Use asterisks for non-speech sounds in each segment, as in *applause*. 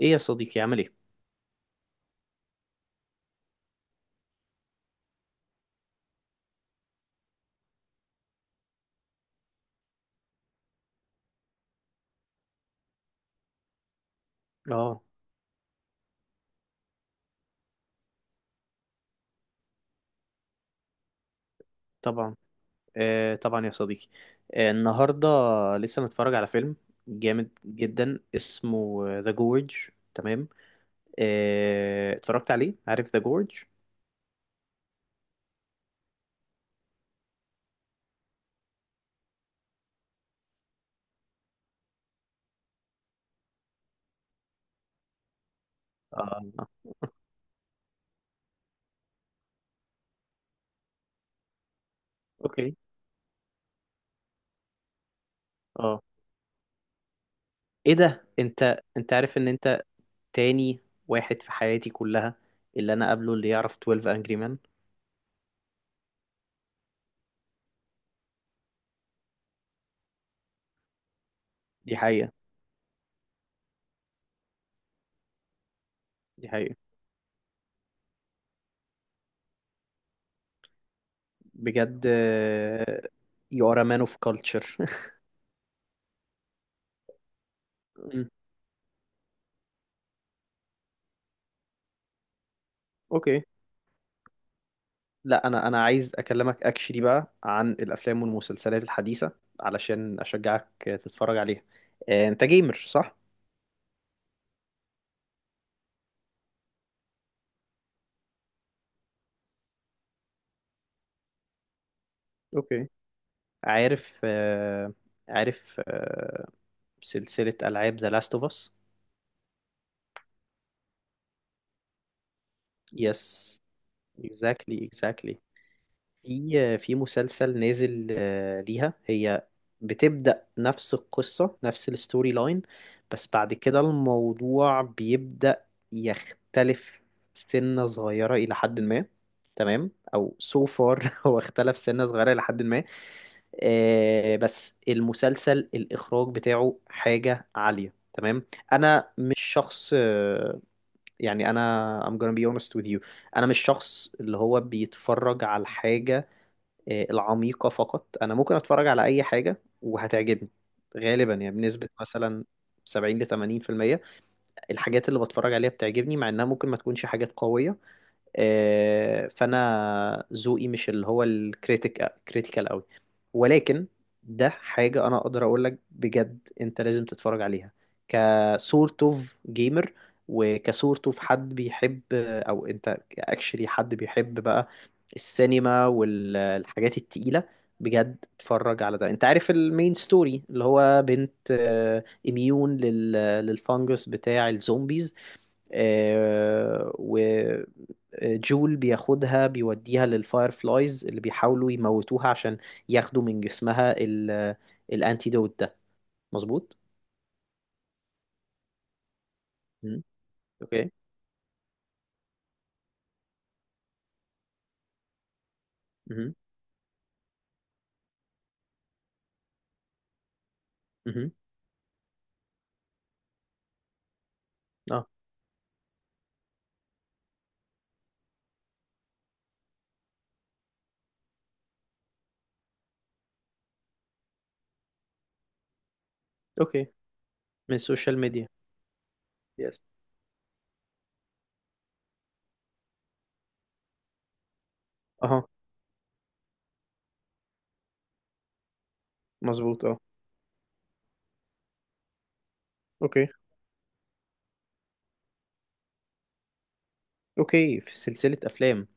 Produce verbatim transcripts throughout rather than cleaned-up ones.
ايه يا صديقي، عامل ايه؟ اه، طبعا. آه، طبعا يا صديقي. آه النهارده لسه متفرج على فيلم جامد جدا اسمه ذا جورج. تمام. آه اتفرجت عليه، عارف ذا جورج؟ اه، آه، اوكي. اه، ايه ده؟ انت انت عارف ان انت تاني واحد في حياتي كلها، اللي انا قابله اللي يعرف اتناشر انجري مان. دي حقيقة. دي حقيقة. بجد، آه، you are a man of culture. *laughs* مم. اوكي. لا، انا انا عايز اكلمك اكشلي بقى عن الافلام والمسلسلات الحديثه، علشان اشجعك تتفرج عليها. آه، انت جيمر صح؟ اوكي. عارف آه، عارف آه، سلسله العاب ذا لاست اوف اس. يس، اكزاكتلي، اكزاكتلي. في في مسلسل نازل آه، ليها هي، بتبدأ نفس القصة، نفس الستوري لاين، بس بعد كده الموضوع بيبدأ يختلف سنة صغيرة إلى حد ما. تمام، أو so far. *laughs* هو اختلف سنة صغيرة إلى حد ما. آه، بس المسلسل الإخراج بتاعه حاجة عالية، تمام. أنا مش شخص آه، يعني، أنا I'm gonna be honest with you. أنا مش شخص اللي هو بيتفرج على حاجة آه، العميقة فقط. أنا ممكن أتفرج على أي حاجة وهتعجبني غالبا، يعني بنسبة مثلا سبعين ل ثمانين في المية، الحاجات اللي بتفرج عليها بتعجبني مع إنها ممكن ما تكونش حاجات قوية. آه، فانا ذوقي مش اللي هو الكريتيك كريتيكال قوي. ولكن ده حاجه انا اقدر اقول لك بجد، انت لازم تتفرج عليها. كسورت اوف جيمر، وكسورت اوف حد بيحب، او انت اكشلي حد بيحب بقى السينما والحاجات التقيله. بجد اتفرج على ده. انت عارف المين ستوري، اللي هو بنت آه، اميون لل- للفانجس بتاع الزومبيز. آه، جول بياخدها، بيوديها للفاير فلايز اللي بيحاولوا يموتوها عشان ياخدوا من جسمها ال الانتيدوت ده. مظبوط. مم. اوكي. مهم. مهم. اه. اوكي. من السوشيال ميديا، يس. اها. مظبوط، اه. اوكي، اوكي. في سلسلة افلام.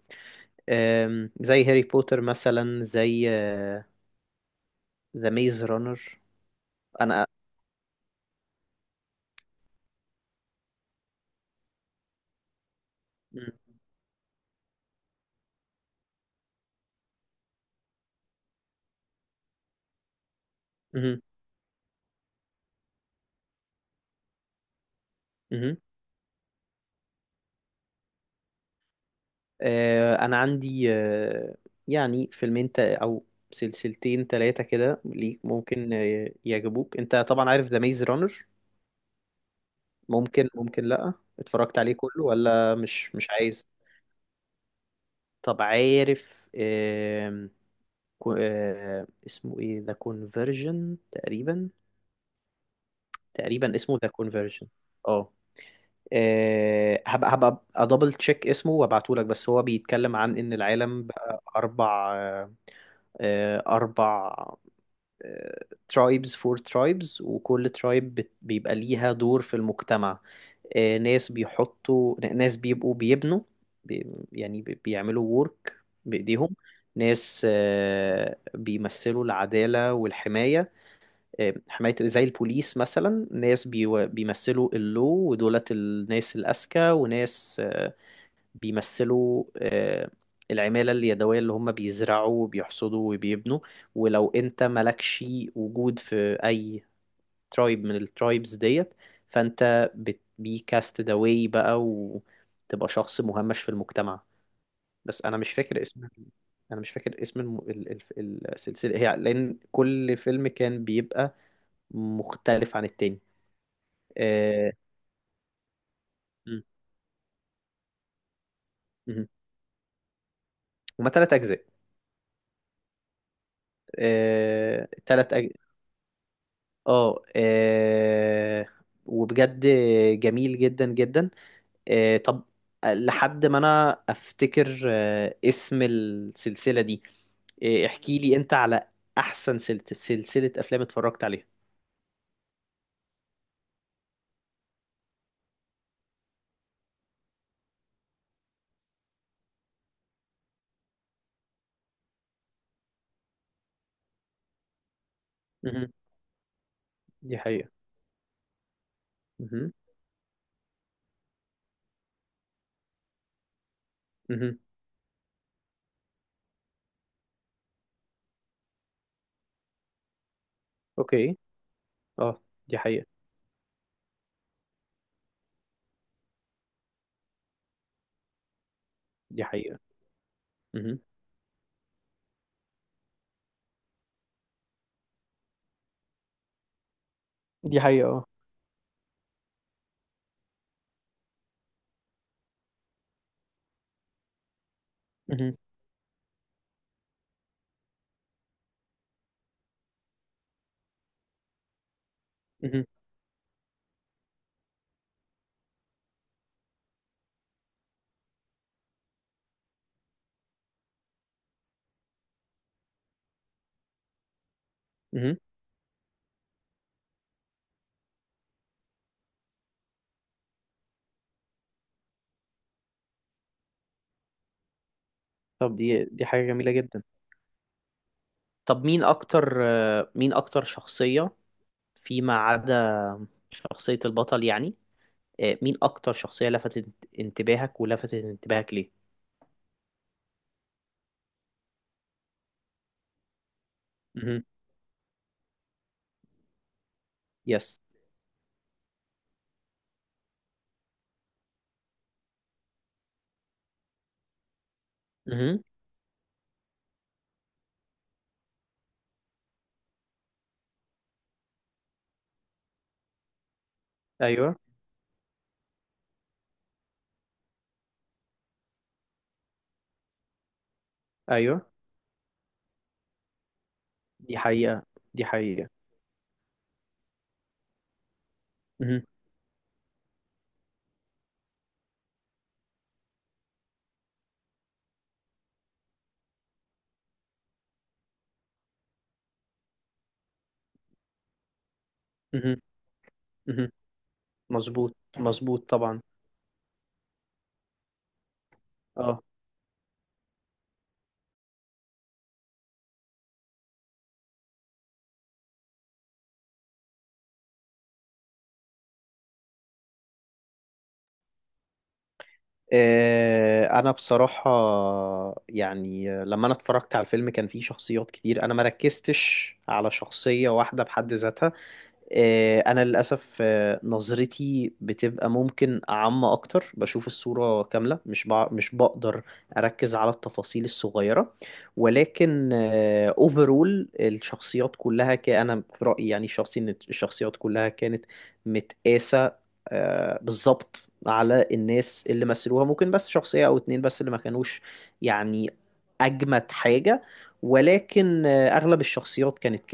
أم، زي هاري بوتر مثلا، زي ذا ميز رانر. انا. مم. مهم. مهم. آه، انا عندي آه، يعني فيلمين تا- او سلسلتين ثلاثه كده ليك، ممكن آه، يعجبوك. انت طبعا عارف ذا ميز رانر. ممكن ممكن لا، اتفرجت عليه كله، ولا مش مش عايز؟ طب عارف، آم، كو- آه، اسمه ايه؟ ذا كونفرجن تقريبا. تقريبا اسمه ذا كونفرجن. اه آه، هبقى هبقى ادبل تشيك اسمه وابعتهولك، بس هو بيتكلم عن ان العالم بقى اربع، آه، آه، أربع ترايبز، فور ترايبز، وكل ترايب بيبقى ليها دور في المجتمع. آه، ناس بيحطوا، ناس بيبقوا بيبنوا، بي يعني بي- بيعملوا وورك بإيديهم. ناس آه، بيمثلوا العدالة والحماية، آه، حماية زي البوليس مثلا. ناس بيو- بيمثلوا اللو ودولت، الناس الأذكى. وناس آه، بيمثلوا آه، العمالة اليدوية، اللي هم بيزرعوا وبيحصدوا وبيبنوا. ولو انت مالكش وجود في اي ترايب من الترايبز ديت، فانت بتبي كاستد اواي بقى، وتبقى شخص مهمش في المجتمع. بس انا مش فاكر اسم. انا مش فاكر اسم الم... ال- ال- السلسلة هي، لان كل فيلم كان بيبقى مختلف عن التاني. آه، م- م- هما تلات اجزاء. آه، تلات أج... اه آه، وبجد جميل جدا جدا. آه، طب لحد ما انا افتكر آه، اسم السلسلة دي، آه، احكي لي انت على احسن سلت- سلسلة افلام اتفرجت عليها. مهم. دي حقيقة. مهم. مهم. اوكي. اه. دي حقيقة. دي حقيقة. مهم. دي حقيقة، اه. مهم. مهم. مهم. طب، دي دي حاجة جميلة جدا. طب مين اكتر، آه، مين اكتر شخصية، فيما عدا شخصية البطل يعني، آه، مين اكتر شخصية لفتت انتباهك، ولفتت انتباهك ليه؟ امم. يس. امم. ايوه، ايوه. دي حقيقة، دي حقيقة. امم. امم. امم. مظبوط، مظبوط، طبعا. اه. آه، انا بصراحة، يعني آه، لما انا اتفرجت على الفيلم كان فيه شخصيات كتير، انا ما ركزتش على شخصية واحدة بحد ذاتها. آه، انا للاسف، آه، نظرتي بتبقى ممكن عامة اكتر، بشوف الصورة كاملة، مش بع... مش بقدر اركز على التفاصيل الصغيرة. ولكن اوفرول الشخصيات كلها، ك... انا في رأيي يعني، الشخصي، ان الشخصيات كلها كانت متقاسة آه، بالظبط على الناس اللي مثلوها. ممكن بس شخصية او اتنين بس اللي ما كانوش يعني اجمد حاجة، ولكن آه، اغلب الشخصيات كانت